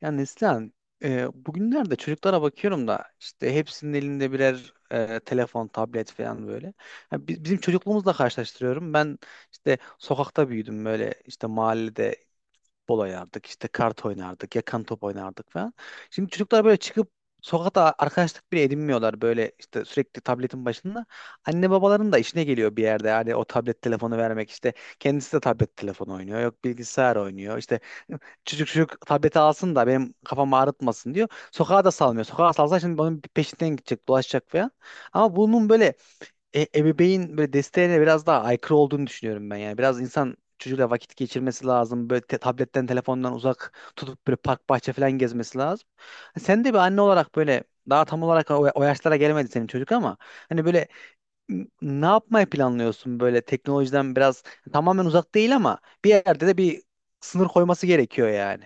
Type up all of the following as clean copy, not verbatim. Ya Neslihan, bugünlerde çocuklara bakıyorum da işte hepsinin elinde birer telefon, tablet falan böyle. Ya bizim çocukluğumuzla karşılaştırıyorum. Ben işte sokakta büyüdüm böyle işte mahallede bol oynardık, işte kart oynardık, yakan top oynardık falan. Şimdi çocuklar böyle çıkıp sokakta arkadaşlık bile edinmiyorlar, böyle işte sürekli tabletin başında. Anne babaların da işine geliyor bir yerde, yani o tablet telefonu vermek, işte kendisi de tablet telefonu oynuyor, yok bilgisayar oynuyor, işte çocuk tableti alsın da benim kafamı ağrıtmasın diyor. Sokağa da salmıyor, sokağa salsa şimdi onun peşinden gidecek, dolaşacak falan. Ama bunun böyle ebeveyn böyle desteğine biraz daha aykırı olduğunu düşünüyorum ben yani. Biraz insan çocuğuyla vakit geçirmesi lazım. Böyle tabletten, telefondan uzak tutup böyle park, bahçe falan gezmesi lazım. Sen de bir anne olarak böyle daha tam olarak o yaşlara gelmedi senin çocuk, ama hani böyle ne yapmayı planlıyorsun? Böyle teknolojiden biraz, tamamen uzak değil ama bir yerde de bir sınır koyması gerekiyor yani.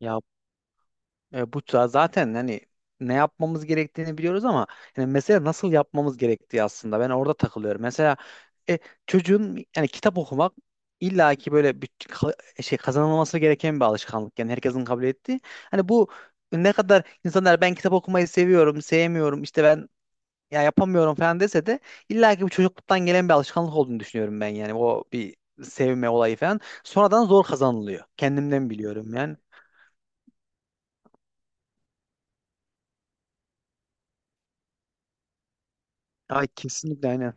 Ya bu zaten hani ne yapmamız gerektiğini biliyoruz ama yani mesela nasıl yapmamız gerektiği, aslında ben orada takılıyorum. Mesela e, çocuğun yani kitap okumak illaki böyle bir şey, kazanılması gereken bir alışkanlık. Yani herkesin kabul ettiği. Hani bu ne kadar insanlar ben kitap okumayı seviyorum, sevmiyorum, işte ben ya yapamıyorum falan dese de illaki bu çocukluktan gelen bir alışkanlık olduğunu düşünüyorum ben yani, o bir sevme olayı falan. Sonradan zor kazanılıyor. Kendimden biliyorum yani. Ay kesinlikle, aynen.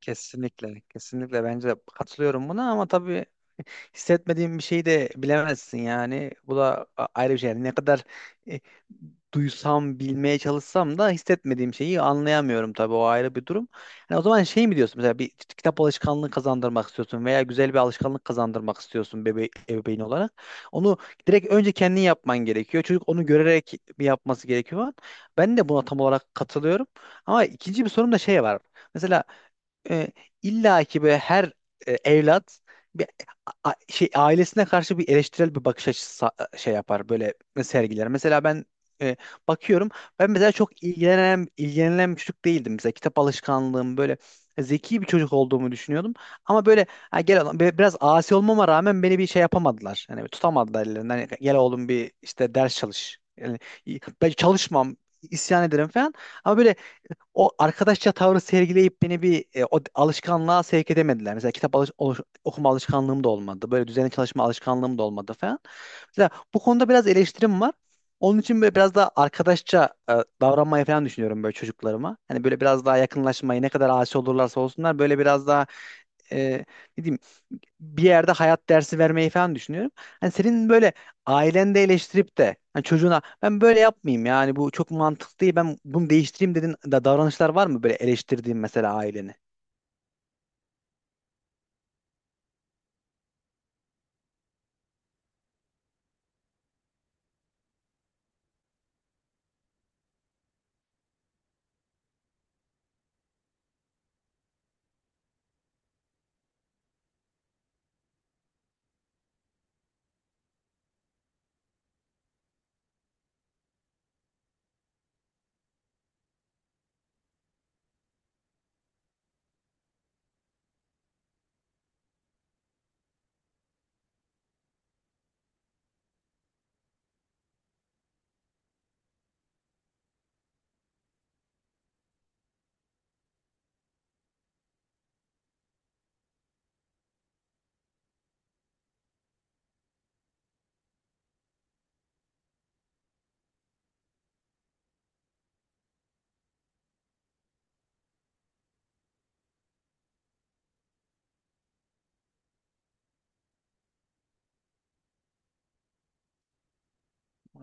Kesinlikle, kesinlikle bence de katılıyorum buna ama tabii hissetmediğim bir şeyi de bilemezsin yani. Bu da ayrı bir şey. Yani ne kadar e, duysam, bilmeye çalışsam da hissetmediğim şeyi anlayamıyorum tabii, o ayrı bir durum. Yani o zaman şey mi diyorsun, mesela bir kitap alışkanlığı kazandırmak istiyorsun veya güzel bir alışkanlık kazandırmak istiyorsun bebe ebeveyn olarak. Onu direkt önce kendin yapman gerekiyor. Çocuk onu görerek bir yapması gerekiyor. Ben de buna tam olarak katılıyorum. Ama ikinci bir sorun da şey var. Mesela e, illa ki böyle her evlat bir şey, ailesine karşı bir eleştirel bir bakış açısı şey yapar, böyle sergiler. Mesela ben e, bakıyorum, ben mesela çok ilgilenen bir çocuk değildim, mesela kitap alışkanlığım böyle, zeki bir çocuk olduğumu düşünüyordum. Ama böyle ha, gel oğlum, biraz asi olmama rağmen beni bir şey yapamadılar. Hani tutamadılar ellerinden. Hani, gel oğlum bir işte ders çalış. Yani, ben çalışmam, isyan ederim falan. Ama böyle o arkadaşça tavrı sergileyip beni bir o alışkanlığa sevk edemediler. Mesela kitap okuma alışkanlığım da olmadı. Böyle düzenli çalışma alışkanlığım da olmadı falan. Mesela bu konuda biraz eleştirim var. Onun için böyle biraz daha arkadaşça davranmayı falan düşünüyorum böyle çocuklarıma. Hani böyle biraz daha yakınlaşmayı, ne kadar asi olurlarsa olsunlar, böyle biraz daha e, ne diyeyim, bir yerde hayat dersi vermeyi falan düşünüyorum. Hani senin böyle aileni de eleştirip de hani çocuğuna ben böyle yapmayayım, yani bu çok mantıklı değil, ben bunu değiştireyim dedin da davranışlar var mı böyle eleştirdiğin mesela aileni?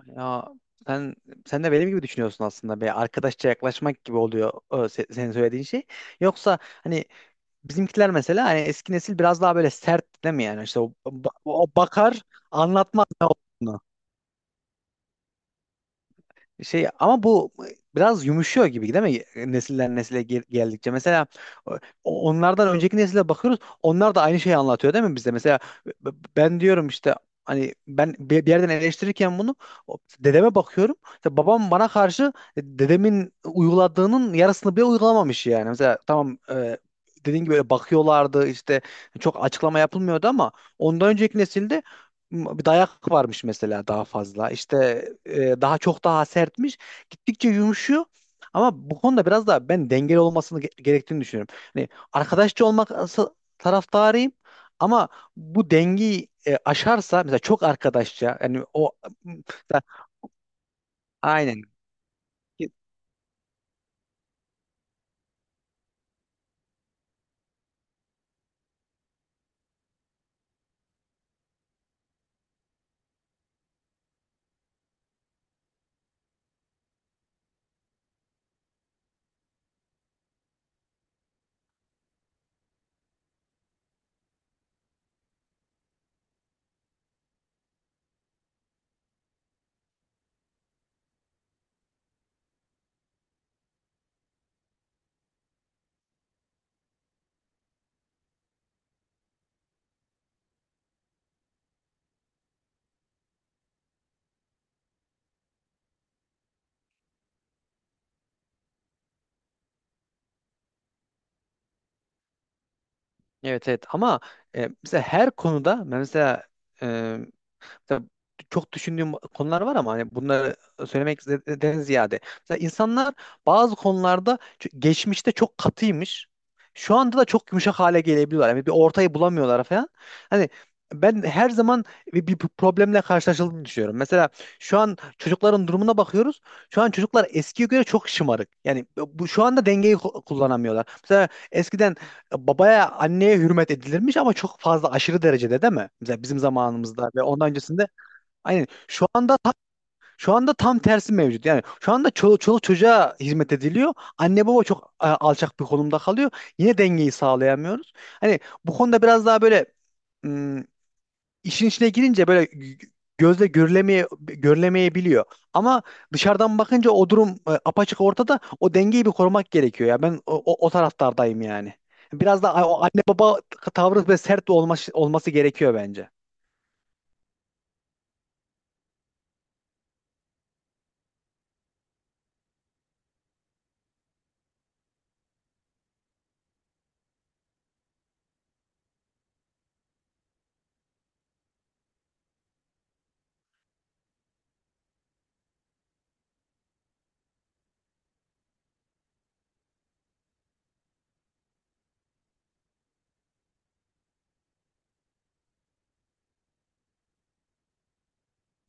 Ya sen sen de benim gibi düşünüyorsun aslında. Bir arkadaşça yaklaşmak gibi oluyor o senin söylediğin şey. Yoksa hani bizimkiler mesela, hani eski nesil biraz daha böyle sert değil mi yani? İşte o bakar, anlatmaz. Şey ama bu biraz yumuşuyor gibi değil mi? Nesiller nesile geldikçe. Mesela o- onlardan önceki nesile bakıyoruz. Onlar da aynı şeyi anlatıyor değil mi bize? Mesela b- ben diyorum işte, hani ben bir yerden eleştirirken bunu dedeme bakıyorum. İşte babam bana karşı dedemin uyguladığının yarısını bile uygulamamış yani. Mesela tamam, dediğin gibi öyle bakıyorlardı, işte çok açıklama yapılmıyordu, ama ondan önceki nesilde dayak varmış mesela daha fazla. İşte daha çok daha sertmiş. Gittikçe yumuşuyor. Ama bu konuda biraz daha ben dengeli olmasını gerektiğini düşünüyorum. Hani arkadaşça olmak taraftarıyım, ama bu dengeyi aşarsa, mesela çok arkadaşça yani o mesela- aynen. Evet evet, ama mesela her konuda, mesela e, mesela çok düşündüğüm konular var, ama hani bunları söylemekten ziyade mesela insanlar bazı konularda geçmişte çok katıymış. Şu anda da çok yumuşak hale gelebiliyorlar. Yani bir ortayı bulamıyorlar falan. Hani ben her zaman bir problemle karşılaşıldığını düşünüyorum. Mesela şu an çocukların durumuna bakıyoruz. Şu an çocuklar eskiye göre çok şımarık. Yani bu şu anda dengeyi kullanamıyorlar. Mesela eskiden babaya, anneye hürmet edilirmiş, ama çok fazla, aşırı derecede, değil mi? Mesela bizim zamanımızda ve ondan öncesinde. Aynen. Şu anda şu anda tam tersi mevcut. Yani şu anda çoluk çocuğa hizmet ediliyor. Anne baba çok alçak bir konumda kalıyor. Yine dengeyi sağlayamıyoruz. Hani bu konuda biraz daha böyle ım, işin içine girince böyle gözle görülemeyebiliyor. Ama dışarıdan bakınca o durum apaçık ortada. O dengeyi bir korumak gerekiyor ya. Ben o taraftardayım yani. Biraz da o anne baba tavrı ve sert olması gerekiyor bence.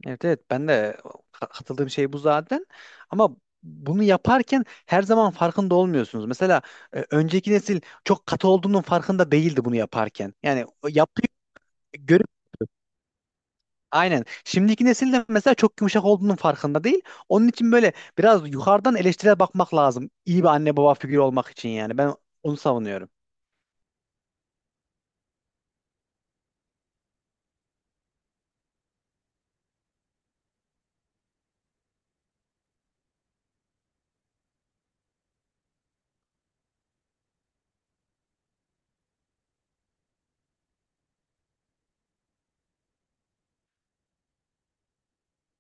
Evet evet, ben de katıldığım şey bu zaten. Ama bunu yaparken her zaman farkında olmuyorsunuz. Mesela önceki nesil çok katı olduğunun farkında değildi bunu yaparken. Yani o yapıyı görüp aynen. Şimdiki nesil de mesela çok yumuşak olduğunun farkında değil. Onun için böyle biraz yukarıdan eleştirel bakmak lazım. İyi bir anne baba figürü olmak için yani. Ben onu savunuyorum.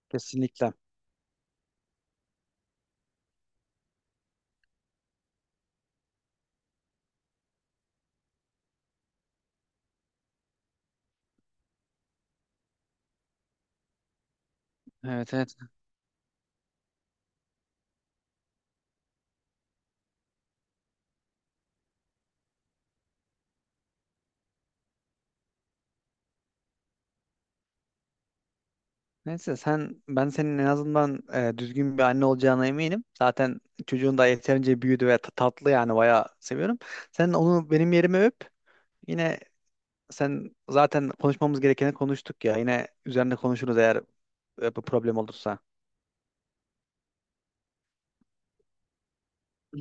Kesinlikle. Evet evet. Neyse, ben senin en azından düzgün bir anne olacağına eminim. Zaten çocuğun da yeterince büyüdü ve tatlı, yani bayağı seviyorum. Sen onu benim yerime öp. Yine zaten konuşmamız gerekeni konuştuk ya. Yine üzerine konuşuruz eğer bu problem olursa.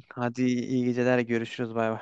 Hadi iyi geceler, görüşürüz, bay bay.